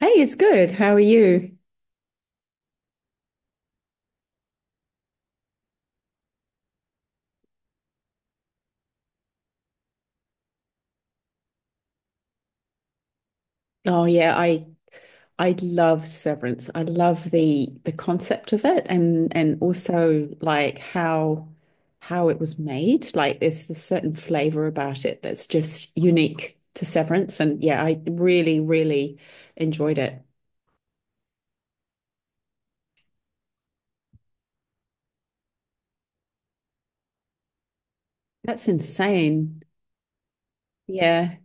Hey, it's good. How are you? Oh yeah, I love Severance. I love the concept of it and also like how it was made. Like there's a certain flavor about it that's just unique to Severance. And yeah, I really, really enjoyed it. That's insane. Yeah.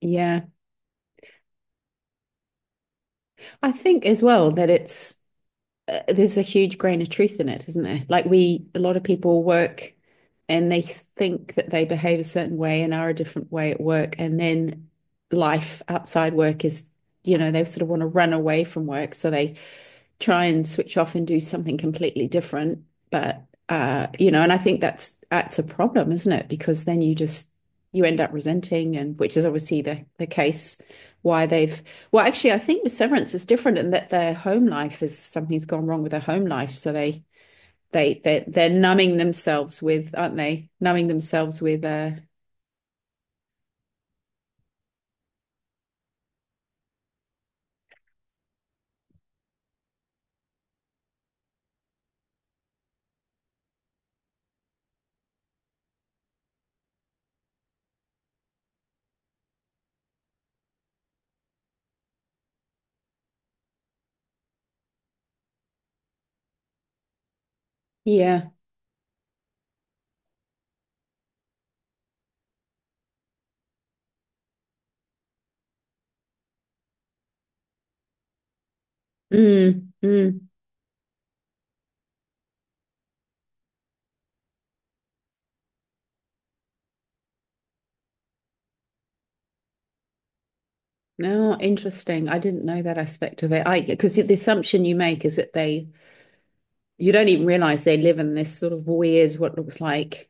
Yeah. I think as well that it's there's a huge grain of truth in it, isn't there? Like we, a lot of people work and they think that they behave a certain way and are a different way at work, and then life outside work is, you know, they sort of want to run away from work, so they try and switch off and do something completely different. But you know, and I think that's a problem, isn't it? Because then you just you end up resenting, and which is obviously the case why they've well, actually, I think with Severance is different in that their home life is something's gone wrong with their home life, so they they're numbing themselves with, aren't they? Numbing themselves with yeah. Mm, mm. No, interesting. I didn't know that aspect of it. I because the assumption you make is that they you don't even realize they live in this sort of weird, what looks like,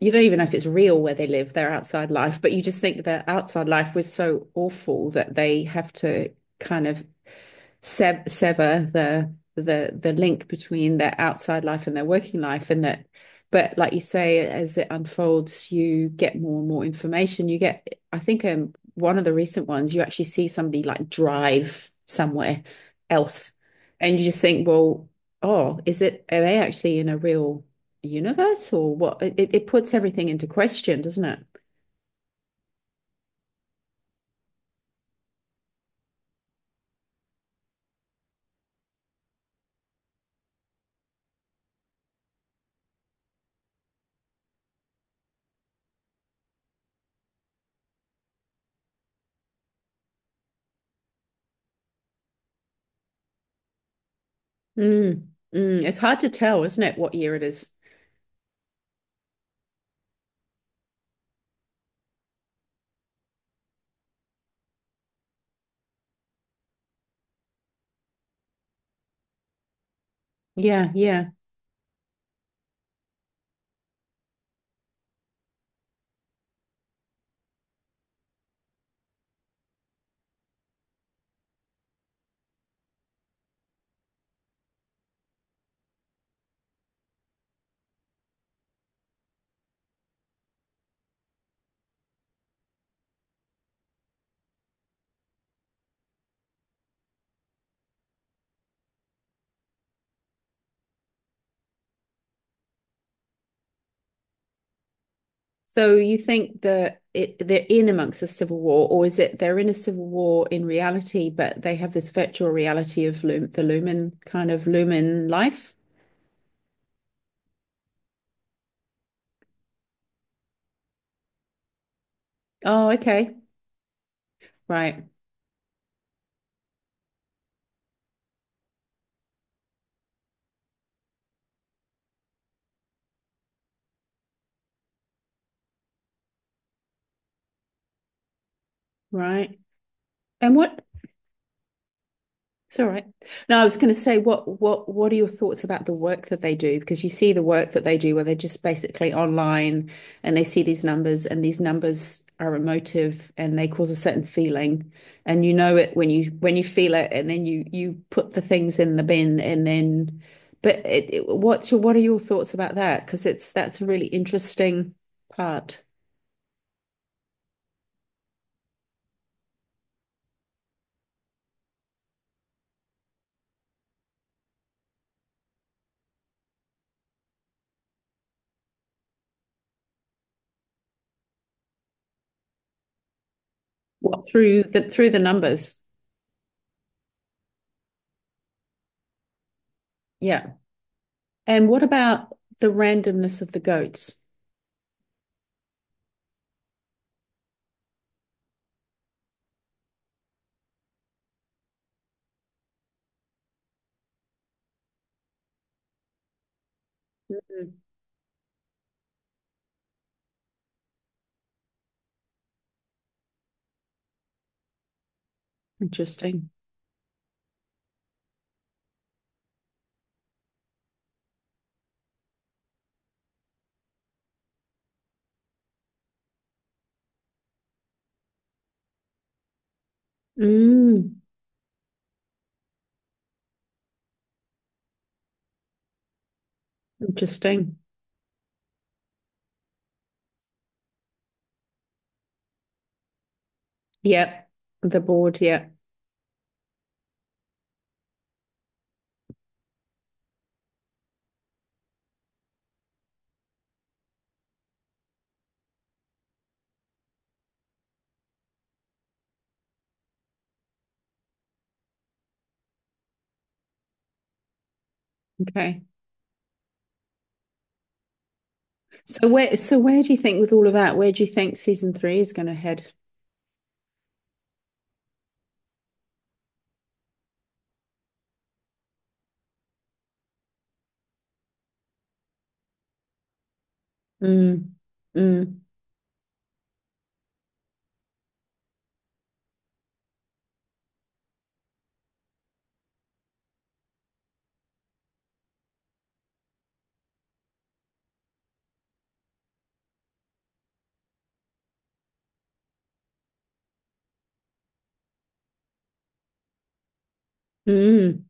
you don't even know if it's real where they live, their outside life, but you just think their outside life was so awful that they have to kind of sever the link between their outside life and their working life, and that but like you say, as it unfolds you get more and more information. You get, I think one of the recent ones you actually see somebody like drive somewhere else and you just think, well, oh, is it, are they actually in a real universe? Or what, it puts everything into question, doesn't it? Mm, mm, it's hard to tell, isn't it, what year it is. Yeah, yeah. So you think that it, they're in amongst a civil war, or is it they're in a civil war in reality, but they have this virtual reality of Lum, the Lumen kind of Lumen life? Oh, okay, right, right. And what it's all right. No, I was going to say, what are your thoughts about the work that they do? Because you see the work that they do, where they're just basically online and they see these numbers, and these numbers are emotive and they cause a certain feeling, and you know it when you feel it, and then you put the things in the bin, and then, but it, what's your, what are your thoughts about that? Because it's that's a really interesting part. What, through the numbers, yeah. And what about the randomness of the goats? Interesting. Mm, interesting. Yep. The board, yeah. Okay. So where, where do you think with all of that, where do you think season three is going to head? Mm, mm, mm.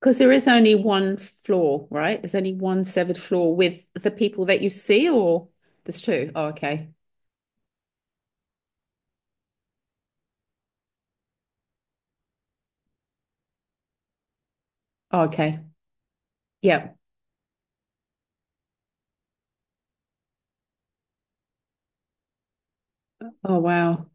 Because there is only one floor, right? There's only one severed floor with the people that you see, or there's two. Oh, okay. Oh, okay. Yep. Oh, wow.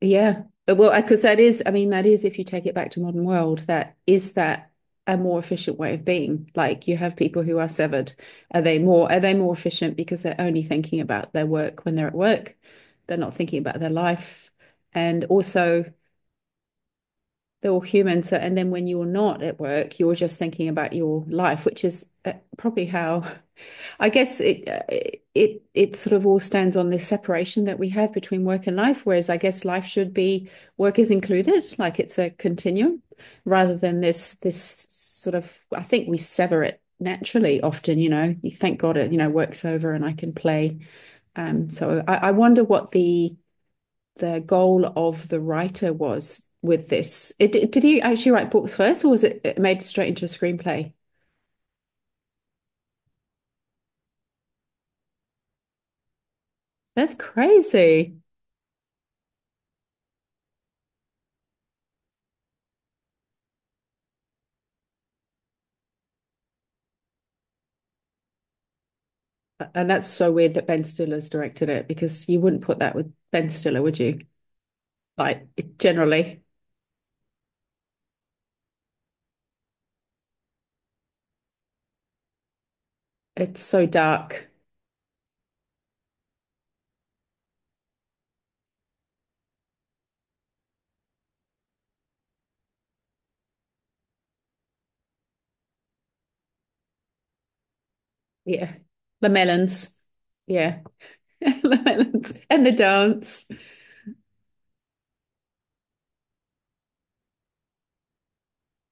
Yeah. Well, because that is, I mean, that is, if you take it back to modern world, that is that a more efficient way of being. Like you have people who are severed. Are they more efficient because they're only thinking about their work when they're at work? They're not thinking about their life. And also, they're all human. So, and then when you're not at work, you're just thinking about your life, which is probably how I guess it it it sort of all stands on this separation that we have between work and life, whereas I guess life should be work is included, like it's a continuum, rather than this sort of, I think we sever it naturally often, you know, you thank God it, you know, work's over and I can play. So I wonder what the goal of the writer was with this. It, did he actually write books first, or was it made straight into a screenplay? That's crazy. And that's so weird that Ben Stiller's directed it because you wouldn't put that with Ben Stiller, would you? Like, generally, it's so dark. Yeah. The melons. Yeah. And the dance.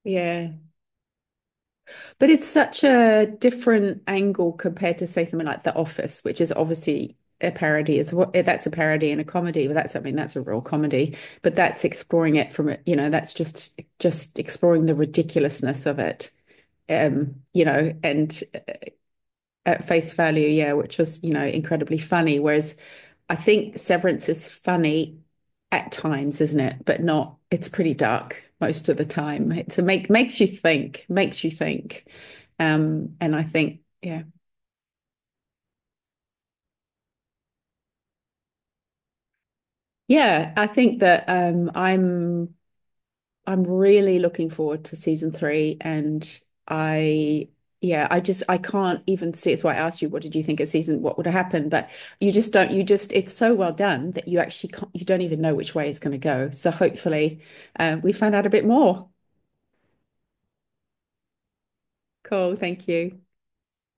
Yeah. But it's such a different angle compared to, say, something like The Office, which is obviously a parody. Is what that's a parody and a comedy. Well, that's, I mean, that's a real comedy, but that's exploring it from it, you know, that's just exploring the ridiculousness of it. You know, and at face value, yeah, which was, you know, incredibly funny. Whereas I think Severance is funny at times, isn't it? But not, it's pretty dark most of the time. It so make, makes you think, makes you think. And I think, yeah. Yeah, I think that I'm really looking forward to season three, and I yeah, I just I can't even see. It's why I asked you, what did you think of season? What would have happened? But you just don't. You just it's so well done that you actually can't, you don't even know which way it's going to go. So hopefully, we find out a bit more. Cool. Thank you.